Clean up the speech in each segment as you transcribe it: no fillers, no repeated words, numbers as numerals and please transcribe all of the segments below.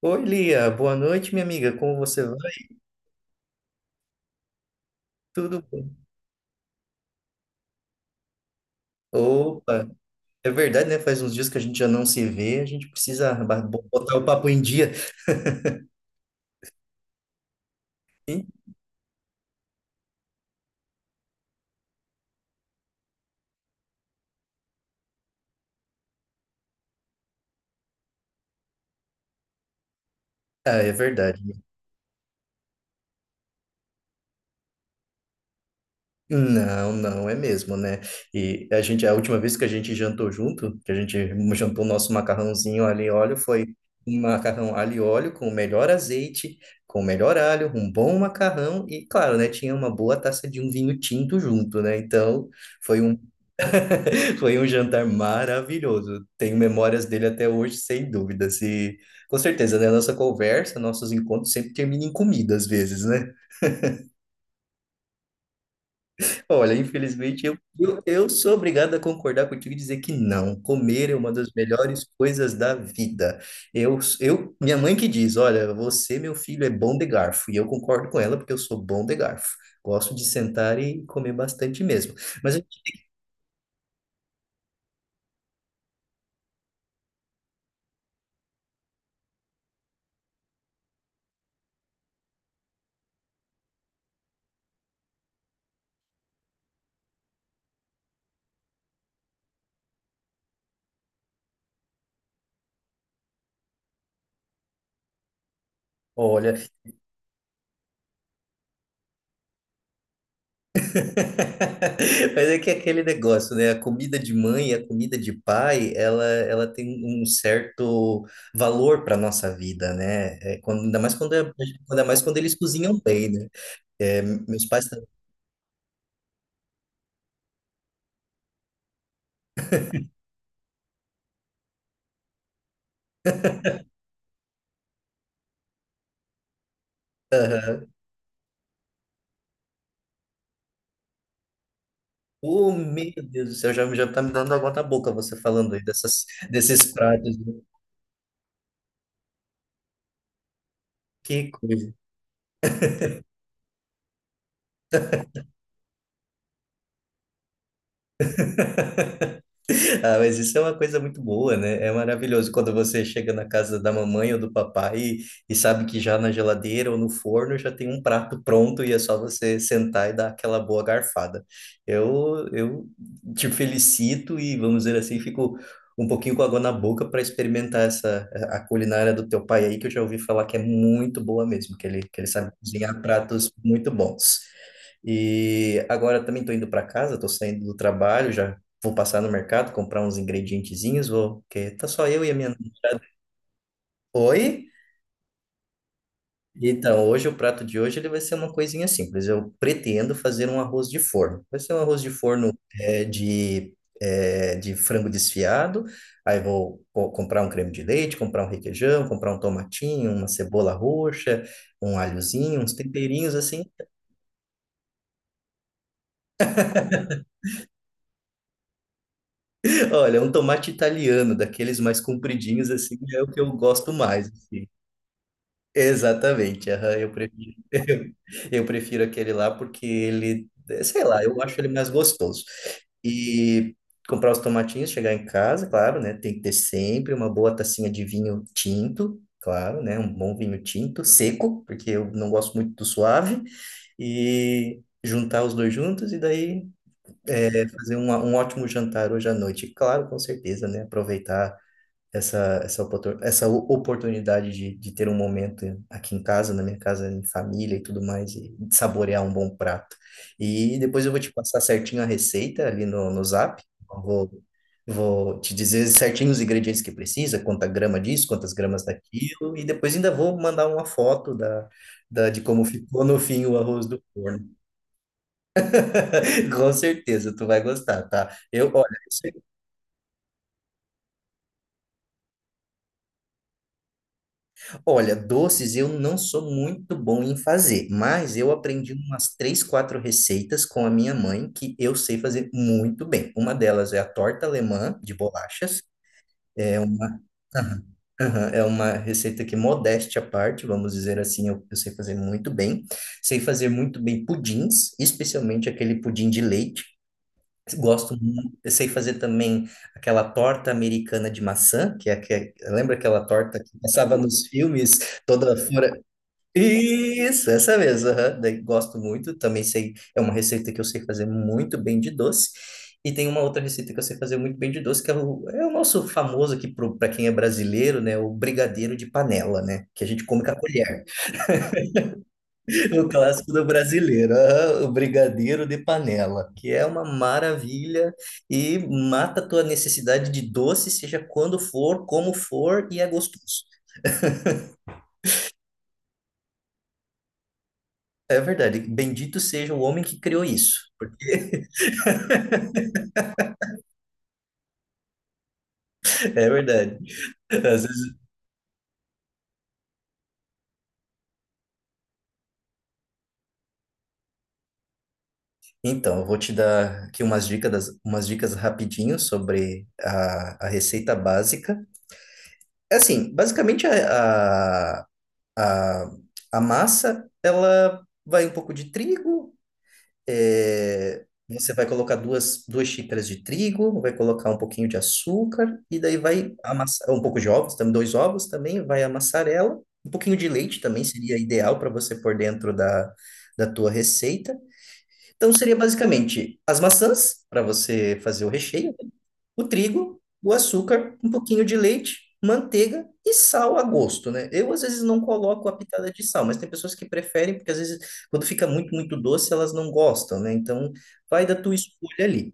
Oi, Lia, boa noite, minha amiga. Como você vai? Tudo bem? Opa, é verdade, né? Faz uns dias que a gente já não se vê, a gente precisa botar o papo em dia. E- Ah, é verdade. Não, não, é mesmo, né? E a última vez que a gente jantou junto, que a gente jantou o nosso macarrãozinho alho e óleo, foi um macarrão alho e óleo com o melhor azeite, com o melhor alho, um bom macarrão e, claro, né? Tinha uma boa taça de um vinho tinto junto, né? Então. Foi um Foi um jantar maravilhoso. Tenho memórias dele até hoje, sem dúvida. Se... Com certeza, né? Nossa conversa, nossos encontros sempre terminam em comida, às vezes, né? Olha, infelizmente, eu sou obrigado a concordar contigo e dizer que não. Comer é uma das melhores coisas da vida. Minha mãe que diz, olha, você, meu filho, é bom de garfo. E eu concordo com ela, porque eu sou bom de garfo. Gosto de sentar e comer bastante mesmo. Mas, olha, Mas é que é aquele negócio, né? A comida de mãe e a comida de pai, ela tem um certo valor para nossa vida, né? É, quando, ainda mais quando, é- Ainda mais quando eles cozinham bem, né? É, meus pais... tam- Aham. Oh, meu Deus do céu, já tá me dando água na boca você falando aí desses pratos. Né? Que coisa. Ah, mas isso é uma coisa muito boa, né? É maravilhoso quando você chega na casa da mamãe ou do papai e sabe que já na geladeira ou no forno já tem um prato pronto e é só você sentar e dar aquela boa garfada. Eu te felicito e, vamos dizer assim, fico um pouquinho com água na boca para experimentar essa a culinária do teu pai aí, que eu já ouvi falar que é muito boa mesmo, que ele sabe cozinhar pratos muito bons. E agora também estou indo para casa, estou saindo do trabalho, já vou passar no mercado, comprar uns ingredientezinhos, vou, porque tá só eu e a minha. Oi? Então, hoje o prato de hoje ele vai ser uma coisinha simples. Eu pretendo fazer um arroz de forno. Vai ser um arroz de forno de frango desfiado. Aí vou comprar um creme de leite, comprar um requeijão, comprar um tomatinho, uma cebola roxa, um alhozinho, uns temperinhos assim. Olha, um tomate italiano, daqueles mais compridinhos, assim, é o que eu gosto mais, assim. Exatamente, aham, eu prefiro aquele lá porque ele, sei lá, eu acho ele mais gostoso. E comprar os tomatinhos, chegar em casa, claro, né? Tem que ter sempre uma boa tacinha de vinho tinto, claro, né? Um bom vinho tinto, seco, porque eu não gosto muito do suave, e juntar os dois juntos e daí fazer um ótimo jantar hoje à noite. Claro, com certeza, né? Aproveitar oportunidade de ter um momento aqui em casa, na minha casa, em família e tudo mais, e saborear um bom prato. E depois eu vou te passar certinho a receita ali no Zap. Eu Vou, vou te dizer certinho os ingredientes que precisa, quanta grama disso, quantas gramas daquilo, e depois ainda vou mandar uma foto de como ficou no fim o arroz do forno. Com certeza, tu vai gostar, tá? Olha, doces eu não sou muito bom em fazer, mas eu aprendi umas três, quatro receitas com a minha mãe que eu sei fazer muito bem. Uma delas é a torta alemã de bolachas. É uma, é uma receita que, modéstia à parte, vamos dizer assim, eu sei fazer muito bem. Sei fazer muito bem pudins, especialmente aquele pudim de leite. Gosto muito. Eu sei fazer também aquela torta americana de maçã, que é que lembra aquela torta que passava nos filmes, toda fora. Isso, essa mesmo. Aham. Daí gosto muito. Também sei, é uma receita que eu sei fazer muito bem de doce. E tem uma outra receita que eu sei fazer muito bem de doce, que é é o nosso famoso aqui para quem é brasileiro, né? O brigadeiro de panela, né? Que a gente come com a colher. O clássico do brasileiro, ah, o brigadeiro de panela, que é uma maravilha e mata a tua necessidade de doce, seja quando for, como for, e é gostoso. É verdade, bendito seja o homem que criou isso, porque é verdade. Às vezes- Então, eu vou te dar aqui umas dicas rapidinho sobre a receita básica. É assim, basicamente a, a massa, ela vai um pouco de trigo. É, você vai colocar duas xícaras de trigo, vai colocar um pouquinho de açúcar, e daí vai amassar um pouco de ovos, também dois ovos também, vai amassar ela. Um pouquinho de leite também seria ideal para você pôr dentro da tua receita. Então seria basicamente as maçãs para você fazer o recheio, o trigo, o açúcar, um pouquinho de leite, manteiga e sal a gosto, né? Eu às vezes não coloco a pitada de sal, mas tem pessoas que preferem porque às vezes quando fica muito doce, elas não gostam, né? Então vai da tua escolha ali.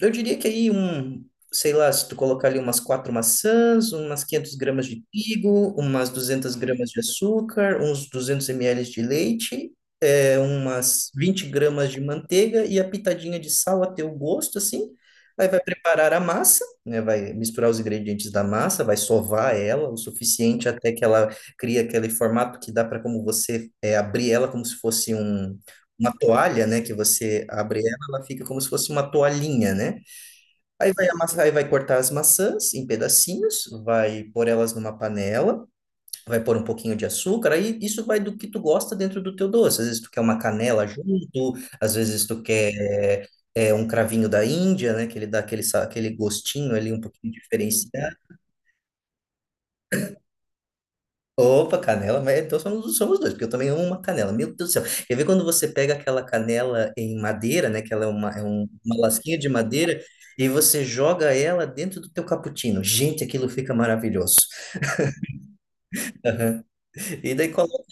Eu diria que aí um, sei lá, se tu colocar ali umas quatro maçãs, umas 500 gramas de trigo, umas duzentas gramas de açúcar, uns 200 mililitros de leite umas 20 gramas de manteiga e a pitadinha de sal a teu gosto, assim. Aí vai preparar a massa, né? Vai misturar os ingredientes da massa, vai sovar ela o suficiente até que ela crie aquele formato que dá para abrir ela como se fosse uma toalha, né? Que você abre ela, ela fica como se fosse uma toalhinha, né? Aí vai amassar, aí vai cortar as maçãs em pedacinhos, vai pôr elas numa panela, vai pôr um pouquinho de açúcar, aí isso vai do que tu gosta dentro do teu doce. Às vezes tu quer uma canela junto, às vezes tu quer um cravinho da Índia, né? Que ele dá aquele, aquele gostinho ali um pouquinho diferenciado. Opa, canela, mas então somos, somos dois, porque eu também amo uma canela. Meu Deus do céu. Quer ver quando você pega aquela canela em madeira, né? Que ela é uma lasquinha de madeira, e você joga ela dentro do teu cappuccino. Gente, aquilo fica maravilhoso. E daí coloca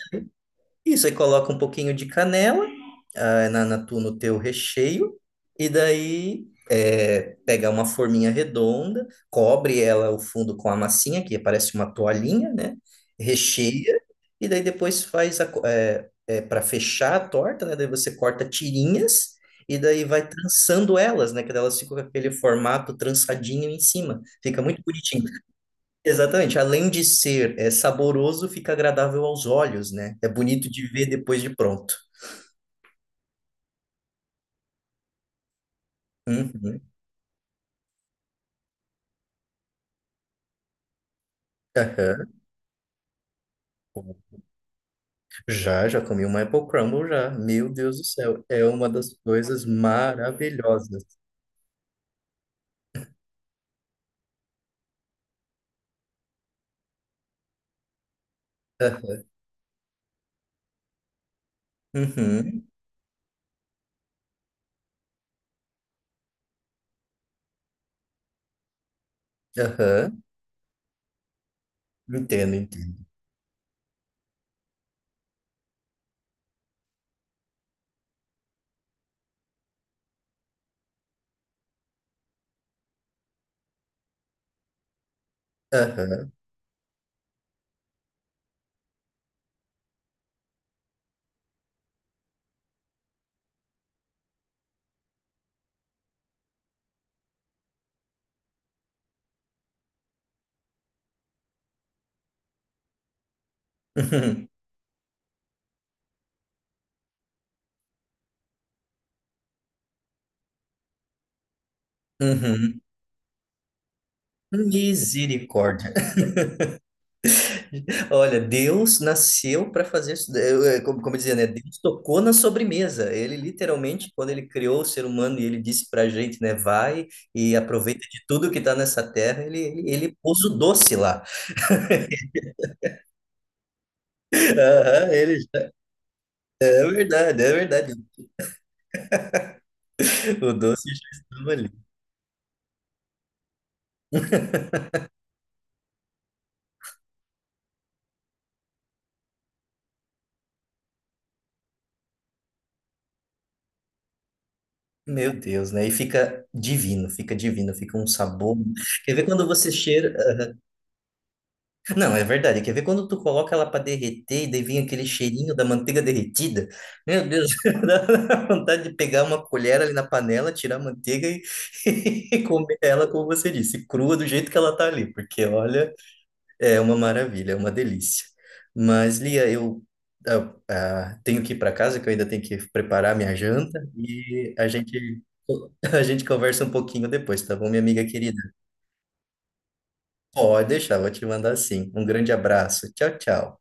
isso, aí coloca um pouquinho de canela, ah, no teu recheio, e daí pega uma forminha redonda, cobre ela o fundo com a massinha, que parece uma toalhinha, né? Recheia, e daí depois faz para fechar a torta, né? Daí você corta tirinhas. E daí vai trançando elas, né? Que daí elas ficam com aquele formato trançadinho em cima. Fica muito bonitinho. Exatamente. Além de ser saboroso, fica agradável aos olhos, né? É bonito de ver depois de pronto. Uhum. Aham. Já comi uma Apple Crumble já. Meu Deus do céu, é uma das coisas maravilhosas. Aham, uhum, aham, entendo, entendo. Aham, uhum, uhum. Misericórdia. Olha, Deus nasceu para fazer, isso. Como, como dizia, né? Deus tocou na sobremesa. Ele literalmente, quando ele criou o ser humano e ele disse para a gente, né? Vai e aproveita de tudo que está nessa terra, ele pôs o doce lá. Aham, ele, é verdade, é verdade. O doce já estava ali. Meu Deus, né? E fica divino, fica divino, fica um sabor. Quer ver quando você cheira. Ah, Não, é verdade. Quer ver quando tu coloca ela para derreter e daí vem aquele cheirinho da manteiga derretida? Meu Deus, dá vontade de pegar uma colher ali na panela, tirar a manteiga e comer ela, como você disse, crua do jeito que ela tá ali, porque olha. É uma maravilha, é uma delícia. Mas, Lia, tenho que ir para casa, que eu ainda tenho que preparar minha janta, a gente conversa um pouquinho depois, tá bom, minha amiga querida? Pode deixar, vou te mandar sim. Um grande abraço. Tchau, tchau.